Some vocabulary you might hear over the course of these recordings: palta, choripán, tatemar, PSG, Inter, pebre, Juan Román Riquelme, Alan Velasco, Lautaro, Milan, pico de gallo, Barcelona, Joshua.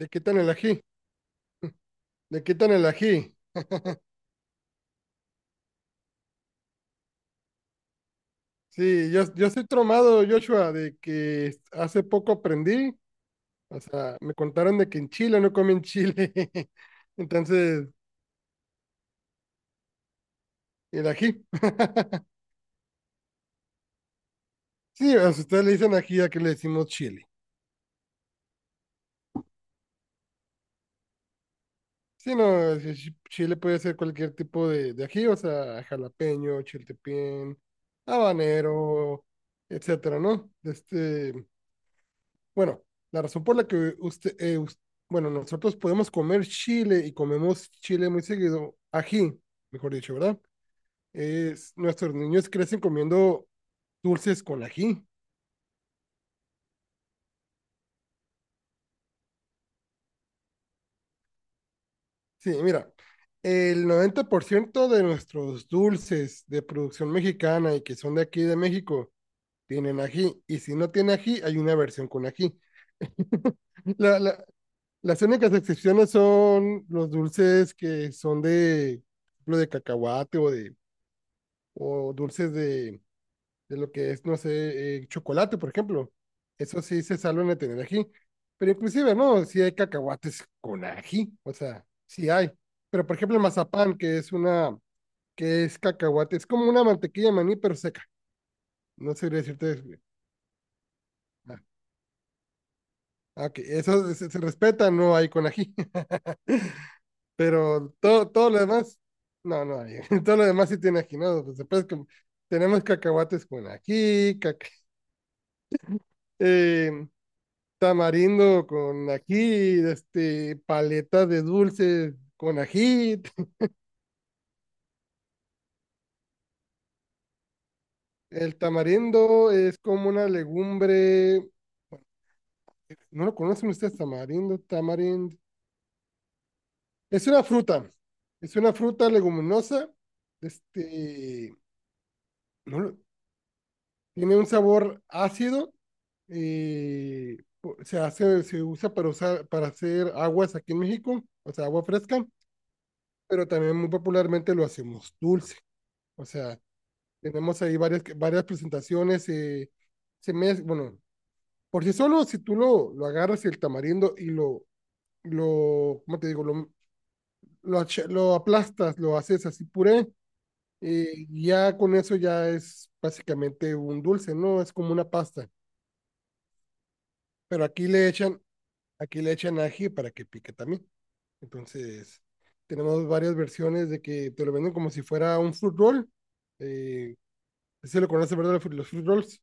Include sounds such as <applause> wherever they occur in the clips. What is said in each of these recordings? Le quitan el ají, le quitan el ají. Sí, yo estoy tromado, Joshua, de que hace poco aprendí, o sea, me contaron de que en Chile no comen chile. <laughs> Entonces, el ají. <laughs> Sí, o sea, ustedes le dicen ají a que le decimos chile. Sí, no, es que chile puede ser cualquier tipo de ají, o sea, jalapeño, chiltepín, habanero, etcétera, ¿no? Este, bueno, la razón por la que usted, bueno, nosotros podemos comer chile y comemos chile muy seguido, ají, mejor dicho, ¿verdad? Nuestros niños crecen comiendo dulces con ají. Sí, mira, el 90% de nuestros dulces de producción mexicana y que son de aquí de México tienen ají. Y si no tiene ají, hay una versión con ají. <laughs> La- la- las únicas excepciones son los dulces que son de, por ejemplo, de cacahuate o de o dulces de lo que es, no sé, chocolate, por ejemplo. Eso sí se salvan de tener ají. Pero inclusive, ¿no? Sí hay cacahuates con ají, o sea, sí hay. Pero por ejemplo, el mazapán, que es cacahuate, es como una mantequilla de maní, pero seca. No sabría decirte. Ah, ah, ok, eso se respeta, no hay con ají. <laughs> Pero todo lo demás, no, no hay. <laughs> Todo lo demás sí tiene ají, ¿no? Pues después que tenemos cacahuates con ají, eh, tamarindo con ají, este, paleta de dulce con ají. El tamarindo es como una legumbre, ¿no lo conocen ustedes? Tamarindo, tamarindo. Es una fruta, es una fruta leguminosa, este, no lo- tiene un sabor ácido y se usa para para hacer aguas aquí en México, o sea, agua fresca, pero también muy popularmente lo hacemos dulce. O sea, tenemos ahí varias presentaciones. Bueno, por sí solo, si tú lo agarras el tamarindo y ¿cómo te digo? Lo, lo aplastas, lo haces así puré, ya con eso ya es básicamente un dulce, ¿no? Es como una pasta. Pero aquí le echan ají para que pique también. Entonces, tenemos varias versiones de que te lo venden como si fuera un fruit roll. Eh, Se lo conoce, ¿verdad? Los fruit rolls.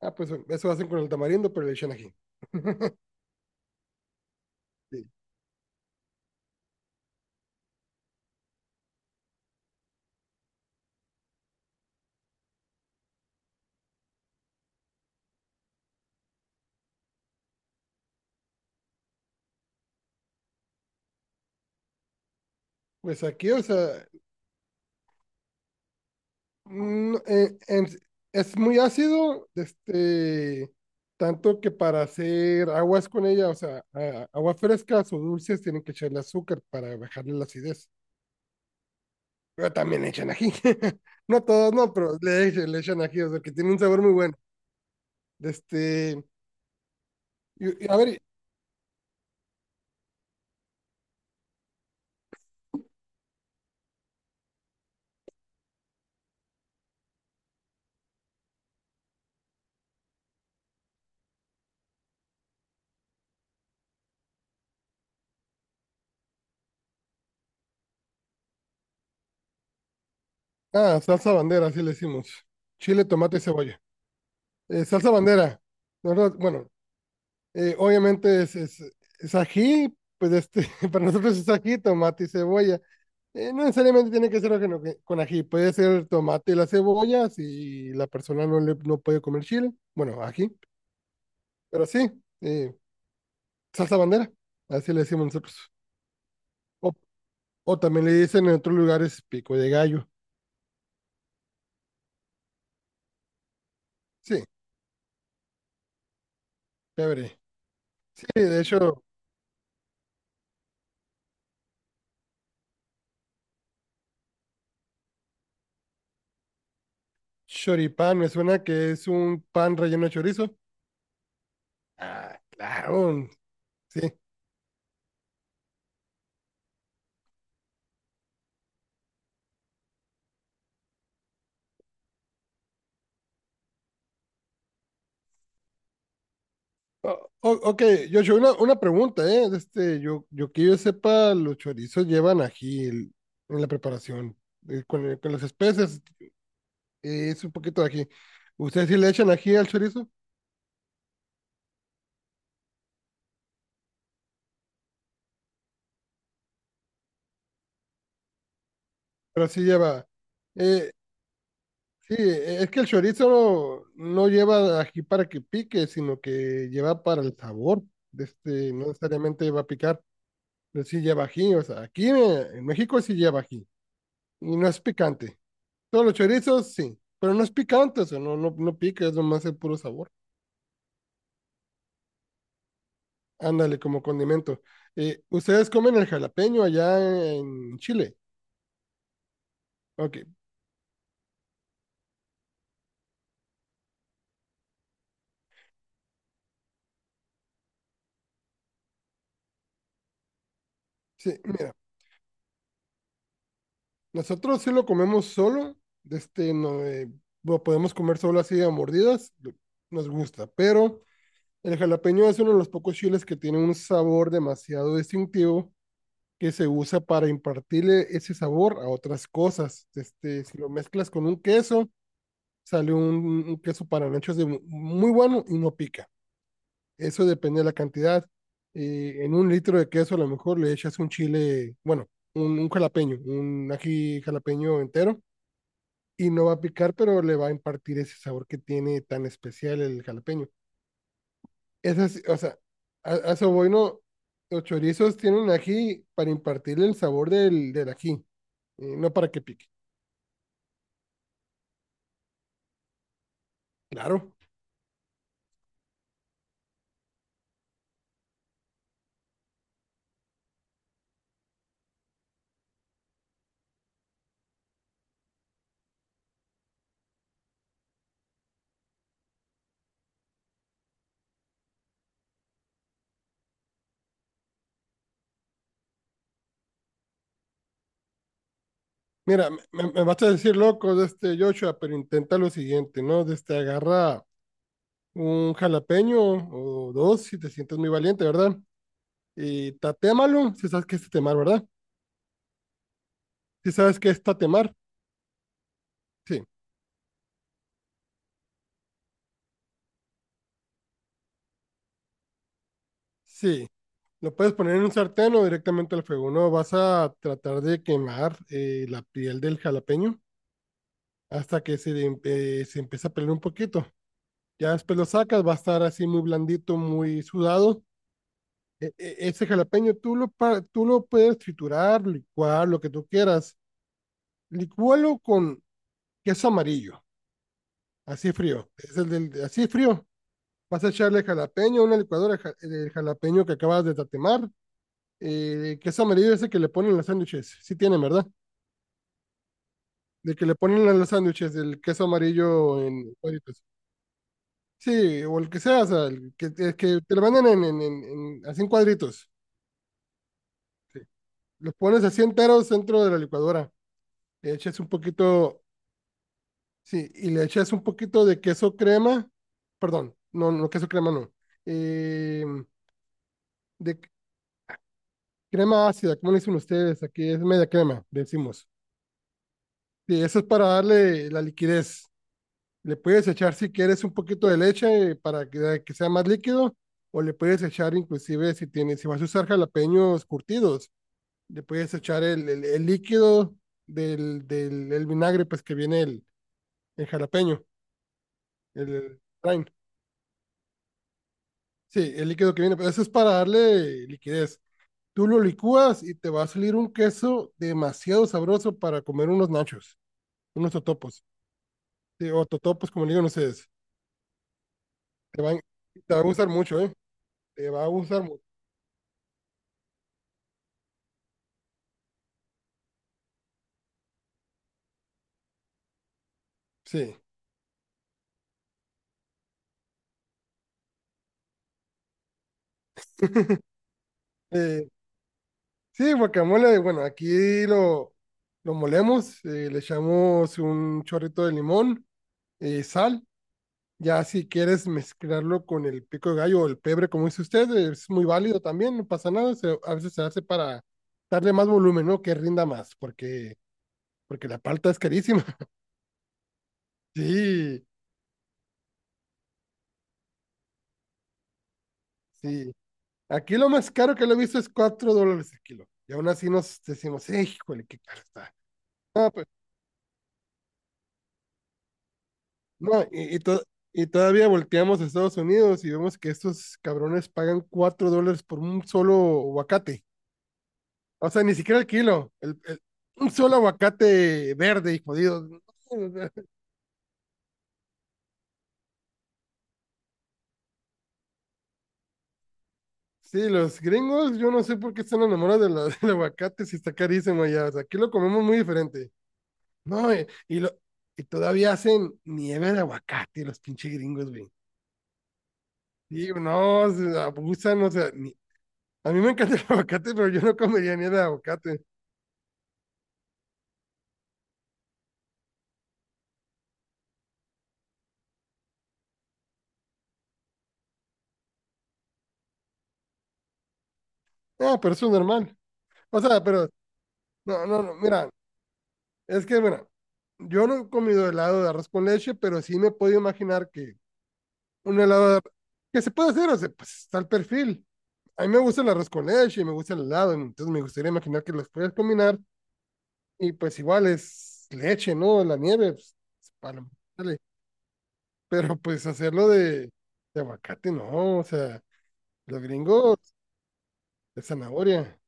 Ah, pues eso hacen con el tamarindo, pero le echan ají. Sí. Pues aquí, o sea, mm, eh, en- es muy ácido, este, tanto que para hacer aguas con ella, o sea, aguas frescas o dulces, tienen que echarle azúcar para bajarle la acidez. Pero también le echan ají. <laughs> No todos, no, pero le echan ají, o sea, que tiene un sabor muy bueno. Este, y a ver, salsa bandera, así le decimos. Chile, tomate y cebolla. Salsa bandera. No, no, bueno, obviamente es ají, pues este, <laughs> para nosotros es ají, tomate y cebolla. No necesariamente tiene que ser ajeno con ají, puede ser tomate y la cebolla si la persona no, no puede comer chile, bueno, ají, pero sí, eh, salsa bandera, así le decimos nosotros. O, o también le dicen en otros lugares pico de gallo, sí, chévere. Sí, de hecho, choripán me suena que es un pan relleno de chorizo. Ah, claro, sí, O- ok, Joshua, una pregunta, ¿eh? De este, yo, yo que yo sepa, los chorizos llevan ají en la preparación, con las especies, es un poquito de ají. ¿Ustedes sí le echan ají al chorizo? Pero sí lleva. eh, sí, es que el chorizo no lleva ají para que pique, sino que lleva para el sabor. De este, no necesariamente va a picar, pero sí lleva ají. O sea, aquí en México sí lleva ají y no es picante. No, los chorizos sí, pero no es picante, o sea, no, no, no pica, es nomás el puro sabor. Ándale, como condimento. ¿Ustedes comen el jalapeño allá en Chile? Ok, sí, mira, nosotros sí lo comemos solo, de este, no, lo podemos comer solo así a mordidas, nos gusta, pero el jalapeño es uno de los pocos chiles que tiene un sabor demasiado distintivo que se usa para impartirle ese sabor a otras cosas. Este, si lo mezclas con un queso, sale un queso para nachos de muy bueno y no pica. Eso depende de la cantidad. En un litro de queso a lo mejor le echas un chile, bueno, un jalapeño, un ají jalapeño entero y no va a picar, pero le va a impartir ese sabor que tiene tan especial el jalapeño. O sea, a eso voy, ¿no? Los chorizos tienen ají para impartirle el sabor del, del ají, no para que pique. Claro. Mira, me vas a decir loco de este Joshua, pero intenta lo siguiente, ¿no? De este, agarra un jalapeño o dos si te sientes muy valiente, ¿verdad? Y tatémalo, si sabes que es tatemar, ¿verdad? Si sabes que es tatemar, sí, sí. Lo puedes poner en un sartén o directamente al fuego, ¿no? Vas a tratar de quemar la piel del jalapeño hasta que se empiece a pelar un poquito. Ya después lo sacas, va a estar así muy blandito, muy sudado. Ese jalapeño tú lo puedes triturar, licuar, lo que tú quieras. Licúalo con queso amarillo, así frío. Así frío. Vas a echarle jalapeño, una licuadora del jalapeño que acabas de tatemar. Queso amarillo ese que le ponen en los sándwiches. Sí tienen, ¿verdad? De que le ponen en los sándwiches el queso amarillo en cuadritos. Sí, o el que sea, o sea, el que te lo venden así en cuadritos. Sí. Los pones así enteros dentro de la licuadora. Le echas un poquito. Sí, y le echas un poquito de queso crema, perdón, no queso crema no, eh, de c- crema ácida, ¿cómo le dicen ustedes? Aquí es media crema, le decimos. Sí, eso es para darle la liquidez. Le puedes echar si quieres un poquito de leche, para que sea más líquido, o le puedes echar inclusive si tienes, si vas a usar jalapeños curtidos, le puedes echar el líquido del el vinagre, pues que viene el jalapeño, el lime. Sí, el líquido que viene, pero eso es para darle liquidez. Tú lo licúas y te va a salir un queso demasiado sabroso para comer unos nachos, unos totopos. Sí, o totopos, como le digo, no sé. Te van, Te va a gustar mucho, ¿eh? Te va a gustar mucho. Sí. Eh, sí, guacamole, bueno, aquí lo molemos, le echamos un chorrito de limón, sal. Ya si quieres mezclarlo con el pico de gallo o el pebre, como dice usted, es muy válido también, no pasa nada, a veces se hace para darle más volumen, ¿no? Que rinda más, porque la palta es carísima. <laughs> Sí, sí. Aquí lo más caro que lo he visto es $4 el kilo. Y aún así nos decimos, híjole, qué caro está." No, pues, no, y, y todavía volteamos a Estados Unidos y vemos que estos cabrones pagan $4 por un solo aguacate. O sea, ni siquiera el kilo. Un solo aguacate verde y jodido. <laughs> Sí, los gringos, yo no sé por qué están enamorados de <laughs> del aguacate si está carísimo allá. O sea, aquí lo comemos muy diferente. No, y todavía hacen nieve de aguacate los pinches gringos, güey. Sí, no, se abusan, o sea, a mí me encanta el <laughs> aguacate, pero yo no comería nieve de aguacate. Ah, pero eso es normal. O sea, pero, no, no, no, mira, es que, mira, yo no he comido helado de arroz con leche, pero sí me puedo imaginar que un helado que se puede hacer, o sea, pues está el perfil. A mí me gusta el arroz con leche y me gusta el helado, entonces me gustaría imaginar que los puedes combinar y pues igual es leche, ¿no? La nieve, pues, es palo, dale. Pero pues hacerlo de aguacate, no, o sea, los gringos de zanahoria,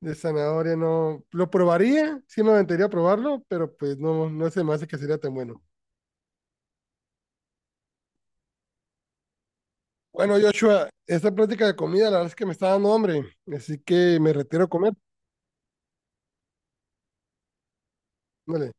de zanahoria no, lo probaría, sí me aventaría a probarlo, pero pues no se me hace que sería tan bueno. Bueno, Joshua, esta plática de comida la verdad es que me está dando hambre, así que me retiro a comer, vale.